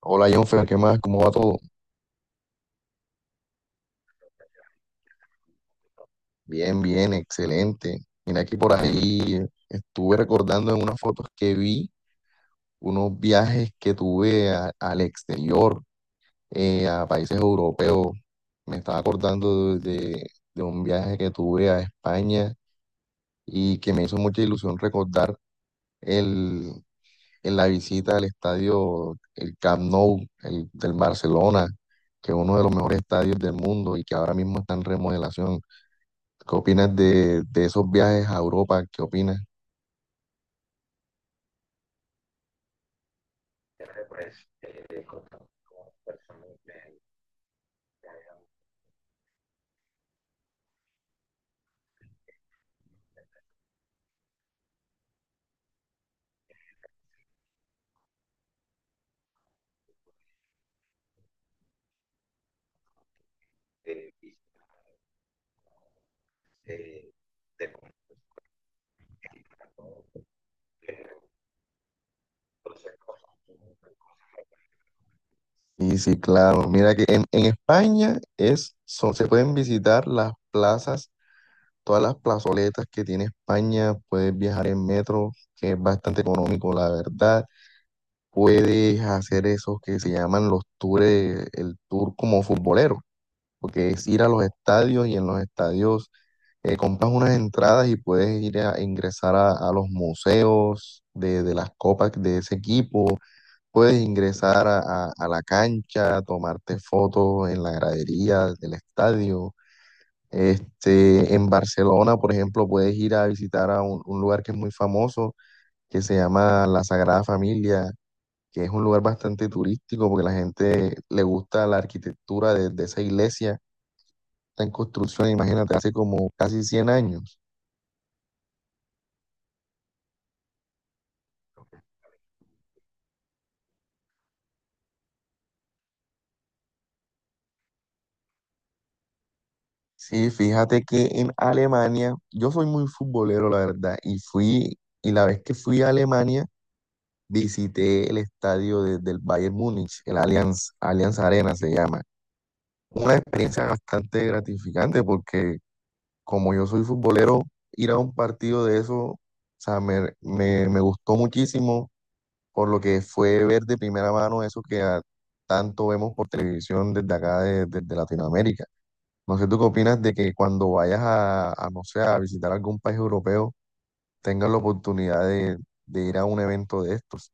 Hola Jonfer, ¿qué más? ¿Cómo va todo? Bien, bien, excelente. Mira que por ahí estuve recordando en unas fotos que vi unos viajes que tuve al exterior, a países europeos. Me estaba acordando de un viaje que tuve a España y que me hizo mucha ilusión recordar el, en la visita al estadio, el Camp Nou, el del Barcelona, que es uno de los mejores estadios del mundo y que ahora mismo está en remodelación. ¿Qué opinas de esos viajes a Europa? ¿Qué opinas? Pues, contamos, pues. Y sí, claro, mira que en España es, se pueden visitar las plazas, todas las plazoletas que tiene España, puedes viajar en metro, que es bastante económico, la verdad. Puedes hacer esos que se llaman los tours, el tour como futbolero, porque es ir a los estadios y en los estadios compras unas entradas y puedes ir a ingresar a los museos de las copas de ese equipo, puedes ingresar a, a la cancha, tomarte fotos en la gradería del estadio. Este, en Barcelona, por ejemplo, puedes ir a visitar a un lugar que es muy famoso, que se llama La Sagrada Familia, que es un lugar bastante turístico porque la gente le gusta la arquitectura de esa iglesia. Está en construcción, imagínate, hace como casi 100 años. Sí, fíjate que en Alemania, yo soy muy futbolero, la verdad, y fui, y la vez que fui a Alemania, visité el estadio del Bayern Múnich, el Allianz, Allianz Arena se llama. Una experiencia bastante gratificante porque como yo soy futbolero, ir a un partido de eso, o sea, me gustó muchísimo por lo que fue ver de primera mano eso que tanto vemos por televisión desde acá, desde Latinoamérica. No sé, ¿tú qué opinas de que cuando vayas a, no sé, a visitar algún país europeo, tengas la oportunidad de ir a un evento de estos?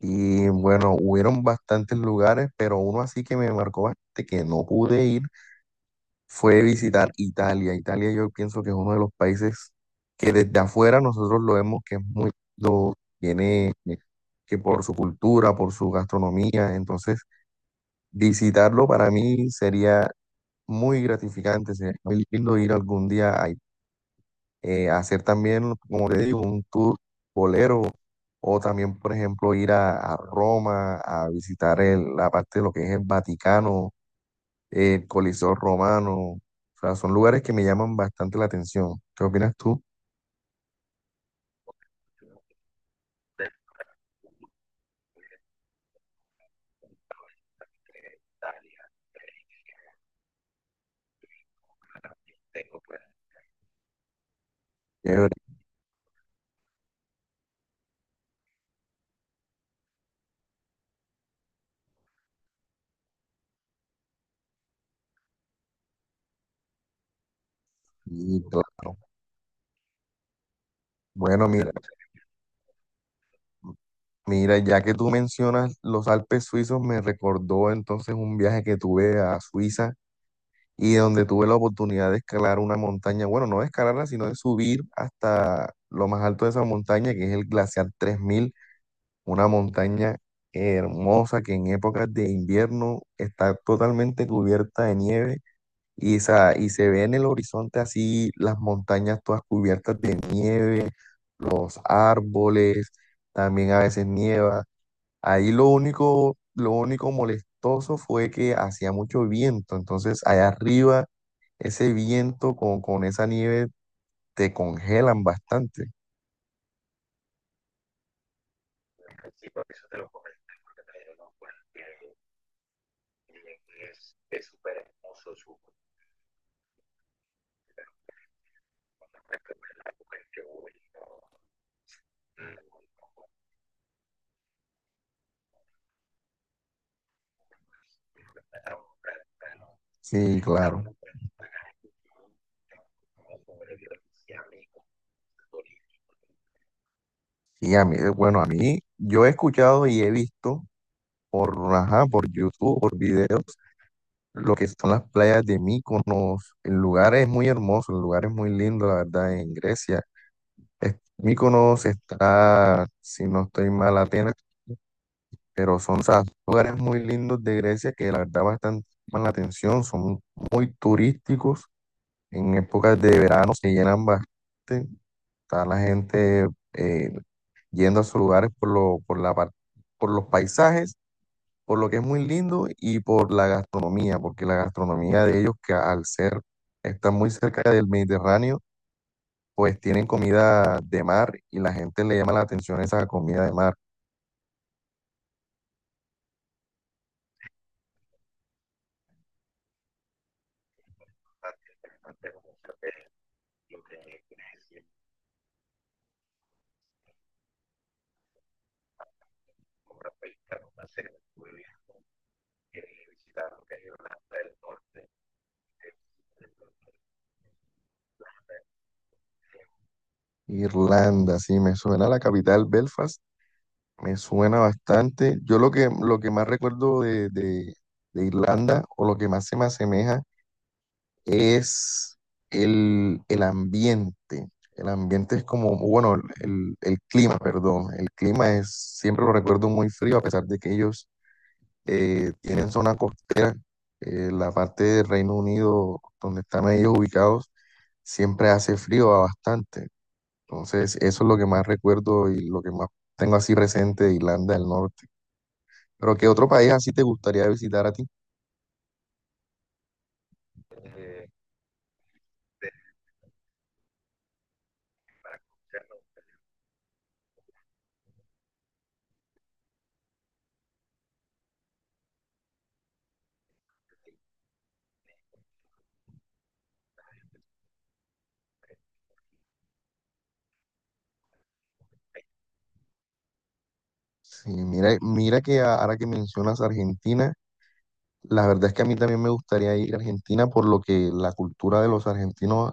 Y bueno, hubieron bastantes lugares, pero uno así que me marcó bastante, que no pude ir, fue visitar Italia. Italia yo pienso que es uno de los países que desde afuera nosotros lo vemos que es muy lindo, tiene que por su cultura, por su gastronomía, entonces visitarlo para mí sería muy gratificante, sería muy lindo ir algún día a hacer también, como te digo, un tour bolero o también, por ejemplo, ir a Roma a visitar la parte de lo que es el Vaticano, el Coliseo Romano. O sea, son lugares que me llaman bastante la atención. ¿Qué opinas tú? Chévere. Sí, claro. Bueno, mira, mira, ya que tú mencionas los Alpes suizos, me recordó entonces un viaje que tuve a Suiza y donde tuve la oportunidad de escalar una montaña, bueno, no de escalarla, sino de subir hasta lo más alto de esa montaña, que es el glaciar 3000, una montaña hermosa que en épocas de invierno está totalmente cubierta de nieve y, y se ve en el horizonte así las montañas todas cubiertas de nieve, los árboles, también a veces nieva. Ahí lo único molestoso fue que hacía mucho viento, entonces allá arriba ese viento con esa nieve te congelan bastante. Sí, claro. Y a mí, bueno, a mí, yo he escuchado y he visto por, ajá, por YouTube, por videos, lo que son las playas de Mykonos. El lugar es muy hermoso, el lugar es muy lindo, la verdad, en Grecia. Es- Mykonos está, si no estoy mal, Atenas, pero son, o sea, lugares muy lindos de Grecia que la verdad bastante llaman la atención, son muy turísticos. En épocas de verano se llenan bastante. Está la gente eh, yendo a sus lugares por lo, por los paisajes, por lo que es muy lindo y por la gastronomía, porque la gastronomía de ellos, que al ser, está muy cerca del Mediterráneo, pues tienen comida de mar y la gente le llama la atención esa comida de mar. Irlanda, sí, me suena la capital, Belfast, me suena bastante. Yo lo que más recuerdo de Irlanda o lo que más se me asemeja es el ambiente. El ambiente es como, bueno, el clima, perdón. El clima es, siempre lo recuerdo muy frío, a pesar de que ellos tienen zona costera. La parte del Reino Unido donde están ellos ubicados siempre hace frío bastante. Entonces, eso es lo que más recuerdo y lo que más tengo así presente de Irlanda del Norte. Pero ¿qué otro país así te gustaría visitar a ti? Sí, mira, mira que ahora que mencionas Argentina. La verdad es que a mí también me gustaría ir a Argentina por lo que la cultura de los argentinos,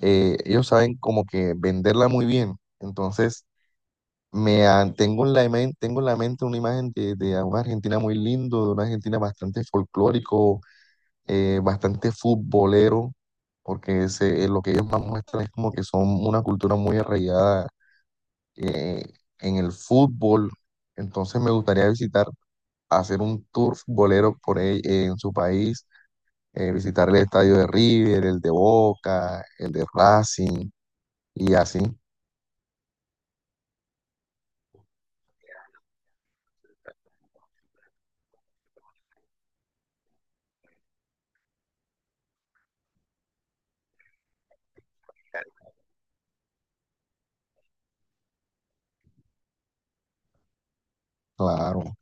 ellos saben como que venderla muy bien. Entonces, tengo en la, tengo en la mente una imagen de una Argentina muy lindo, de una Argentina bastante folclórico, bastante futbolero, porque ese, lo que ellos más muestran es como que son una cultura muy arraigada eh, en el fútbol. Entonces, me gustaría visitar, hacer un tour futbolero por ahí, en su país visitar el estadio de River, el de Boca, el de Racing y así, claro.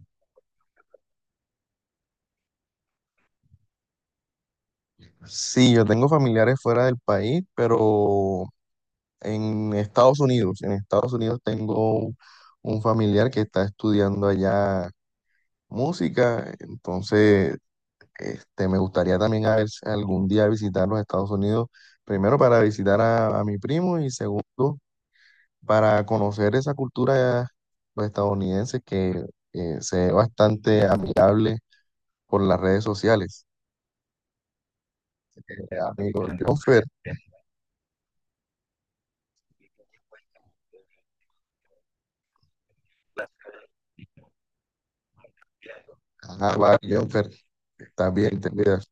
Sí, yo tengo familiares fuera del país, pero en Estados Unidos tengo un familiar que está estudiando allá música, entonces este, me gustaría también a ver si algún día visitar los Estados Unidos, primero para visitar a mi primo y segundo para conocer esa cultura pues, estadounidense que se ve bastante amigable por las redes sociales. Amigo, Jonfer, ajá, va, Jonfer, estás bien, te cuidas.